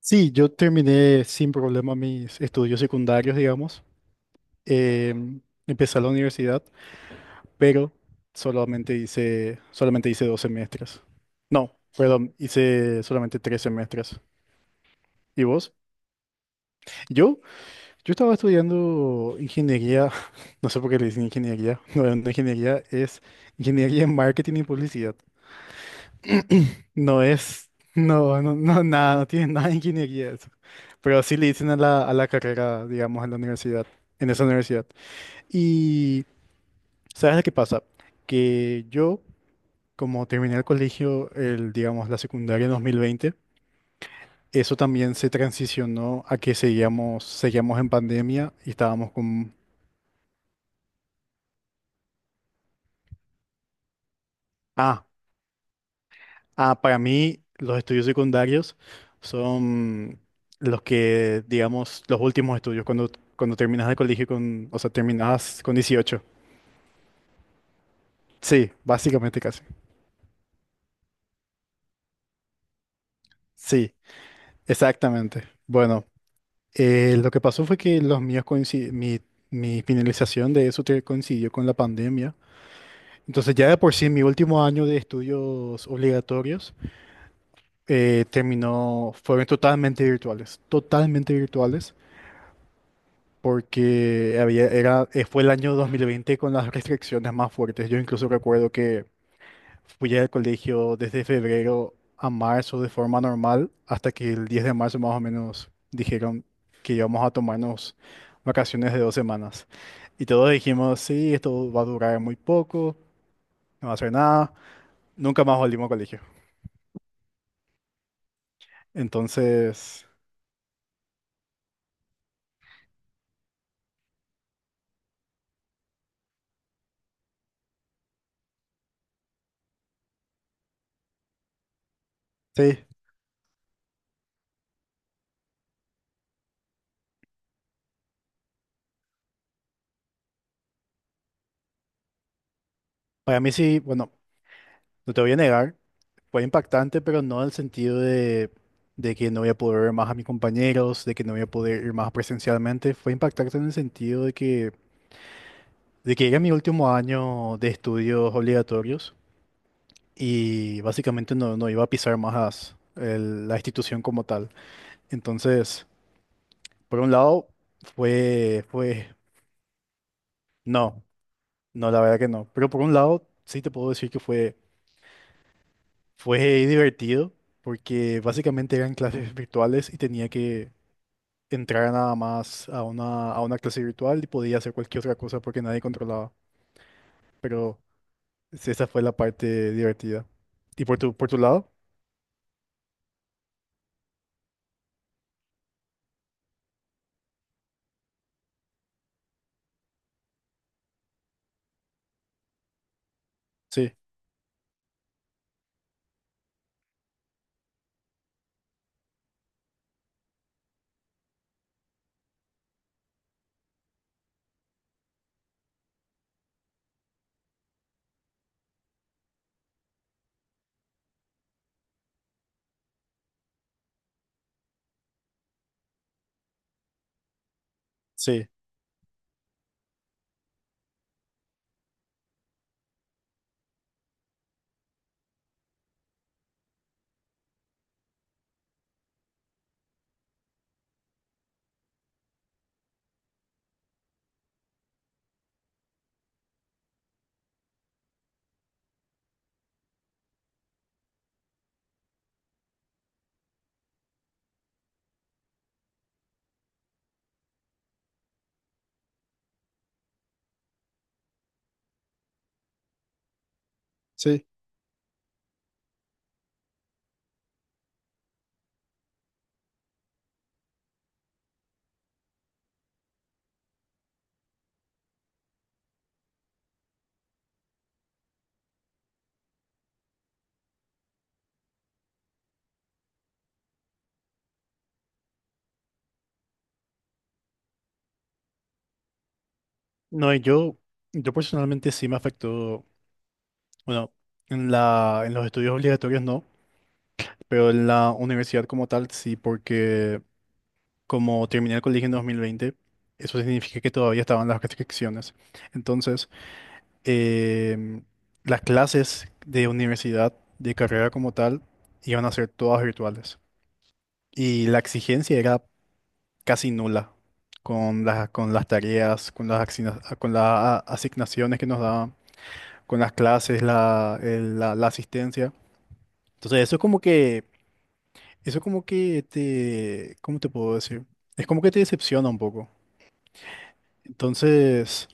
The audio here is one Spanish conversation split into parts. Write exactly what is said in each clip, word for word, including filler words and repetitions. Sí, yo terminé sin problema mis estudios secundarios, digamos. Em, Empecé a la universidad, pero solamente hice, solamente hice dos semestres. No, perdón, hice solamente tres semestres. ¿Y vos? Yo, yo estaba estudiando ingeniería, no sé por qué le dicen ingeniería, no, no ingeniería, es ingeniería en marketing y publicidad. No es, no, no, no, nada, no tiene nada de ingeniería eso. Pero sí le dicen a la, a la carrera, digamos, a la universidad, en esa universidad. Y, ¿sabes lo que pasa? Que yo, como terminé el colegio, el, digamos, la secundaria en dos mil veinte, eso también se transicionó a que seguíamos, seguíamos en pandemia y estábamos con... Ah, ah, para mí, los estudios secundarios son los que, digamos, los últimos estudios, cuando, cuando terminas de colegio con, o sea, terminas con dieciocho. Sí, básicamente casi. Sí, exactamente. Bueno, eh, lo que pasó fue que los míos coinci- mi, mi finalización de eso te- coincidió con la pandemia. Entonces, ya de por sí, mi último año de estudios obligatorios eh, terminó, fueron totalmente virtuales, totalmente virtuales. Porque había, era, eh, fue el año dos mil veinte con las restricciones más fuertes. Yo incluso recuerdo que fui al colegio desde febrero a marzo de forma normal, hasta que el diez de marzo más o menos dijeron que íbamos a tomarnos vacaciones de dos semanas. Y todos dijimos, sí, esto va a durar muy poco, no va a hacer nada. Nunca más volvimos al colegio. Entonces, sí, para mí sí, bueno, no te voy a negar. Fue impactante, pero no en el sentido de, de que no voy a poder ver más a mis compañeros, de que no voy a poder ir más presencialmente. Fue impactante en el sentido de que, de que era mi último año de estudios obligatorios y básicamente no, no iba a pisar más el- la institución como tal. Entonces, por un lado, fue, fue, no, no, la verdad que no. Pero por un lado, sí te puedo decir que fue, fue divertido porque básicamente eran clases virtuales y tenía que entrar nada más a una, a una clase virtual y podía hacer cualquier otra cosa porque nadie controlaba. Pero sí, esa fue la parte divertida. ¿Y por tu, por tu lado? Sí, sí, sí. No, y yo, yo personalmente sí me afectó, bueno, en la, en los estudios obligatorios no, pero en la universidad como tal sí, porque como terminé el colegio en dos mil veinte, eso significa que todavía estaban las restricciones. Entonces, em, las clases de universidad, de carrera como tal, iban a ser todas virtuales. Y la exigencia era casi nula con las, con las tareas, con las, axina- con las a- asignaciones que nos daban, con las clases, la, el- la, la asistencia. Entonces eso es como que, eso como que te, ¿cómo te puedo decir? Es como que te decepciona un poco. Entonces,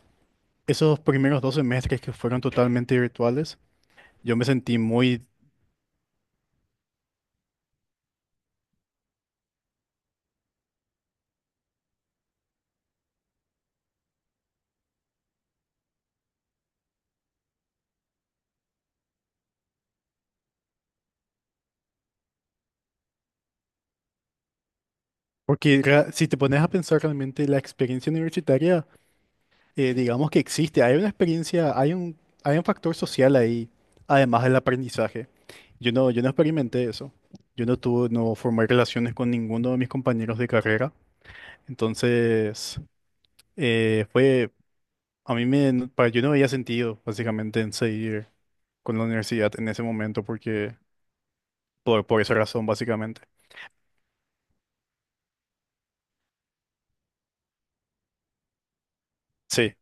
esos primeros dos semestres que fueron totalmente virtuales, yo me sentí muy. Porque ra- si te pones a pensar realmente la experiencia universitaria, eh, digamos que existe, hay una experiencia, hay un, hay un factor social ahí, además del aprendizaje. Yo no, yo no experimenté eso. Yo no tuve, no formé relaciones con ninguno de mis compañeros de carrera. Entonces, eh, fue, a mí me, para, yo no veía sentido, básicamente, en seguir con la universidad en ese momento, porque, por, por esa razón, básicamente. Sí,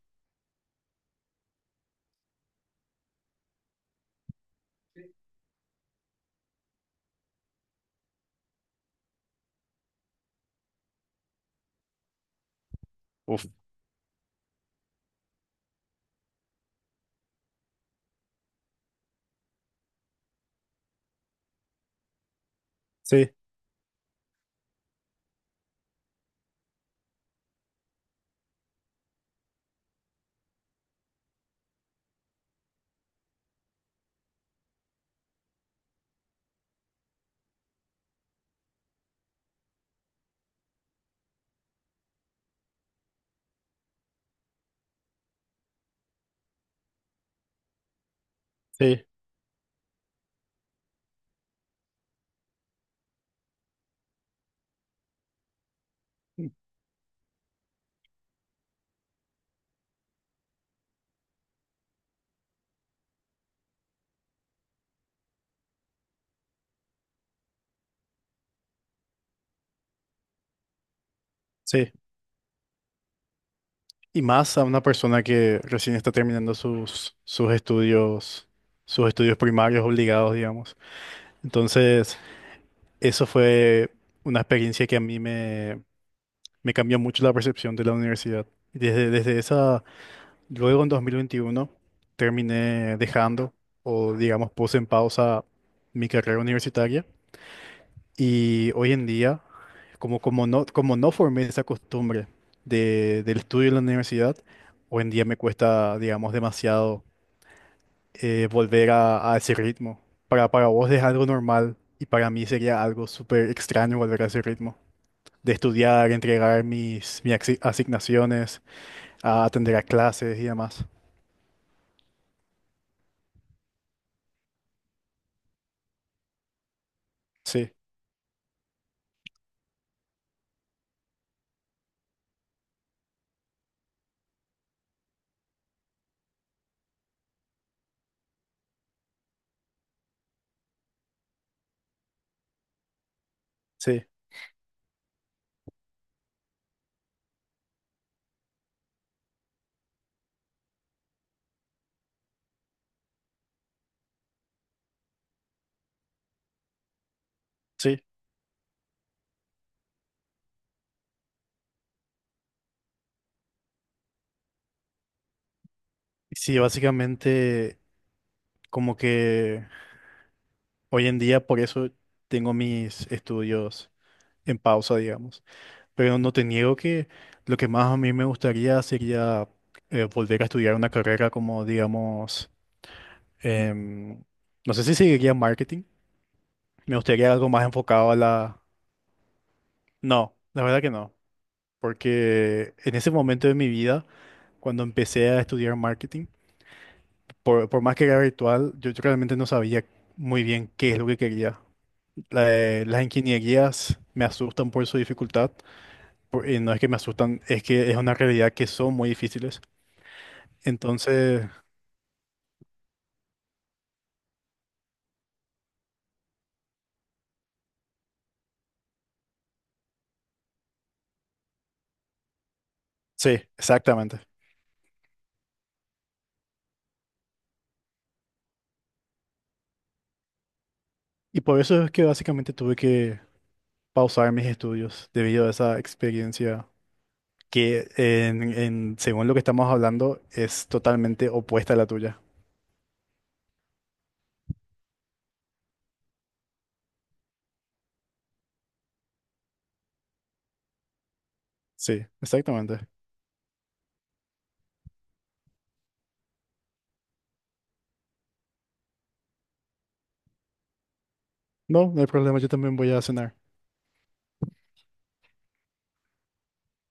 uf, sí, sí, sí. Y más a una persona que recién está terminando sus, sus estudios, sus estudios primarios obligados, digamos. Entonces, eso fue una experiencia que a mí me, me cambió mucho la percepción de la universidad. Y desde, desde esa, luego en dos mil veintiuno, terminé dejando, o digamos, puse en pausa mi carrera universitaria y hoy en día, como, como no, como no formé esa costumbre de, del estudio en la universidad, hoy en día me cuesta, digamos, demasiado eh, volver a, a ese ritmo. Para, para vos es algo normal y para mí sería algo súper extraño volver a ese ritmo. De estudiar, entregar mis, mis axi- asignaciones, a atender a clases y demás. Sí, sí, sí. Sí, básicamente como que hoy en día por eso tengo mis estudios en pausa, digamos. Pero no te niego que lo que más a mí me gustaría sería eh, volver a estudiar una carrera como, digamos, em, no sé si seguiría en marketing. Me gustaría algo más enfocado a la... No, la verdad que no. Porque en ese momento de mi vida, cuando empecé a estudiar marketing, por, por más que era virtual, yo, yo realmente no sabía muy bien qué es lo que quería. La- las ingenierías me asustan por su dificultad por- Y no es que me asustan, es que es una realidad que son muy difíciles. Entonces, sí, exactamente. Y por eso es que básicamente tuve que pausar mis estudios debido a esa experiencia que, en, en- según lo que estamos hablando, es totalmente opuesta a la tuya. Sí, exactamente. No, no hay problema, yo también voy a cenar.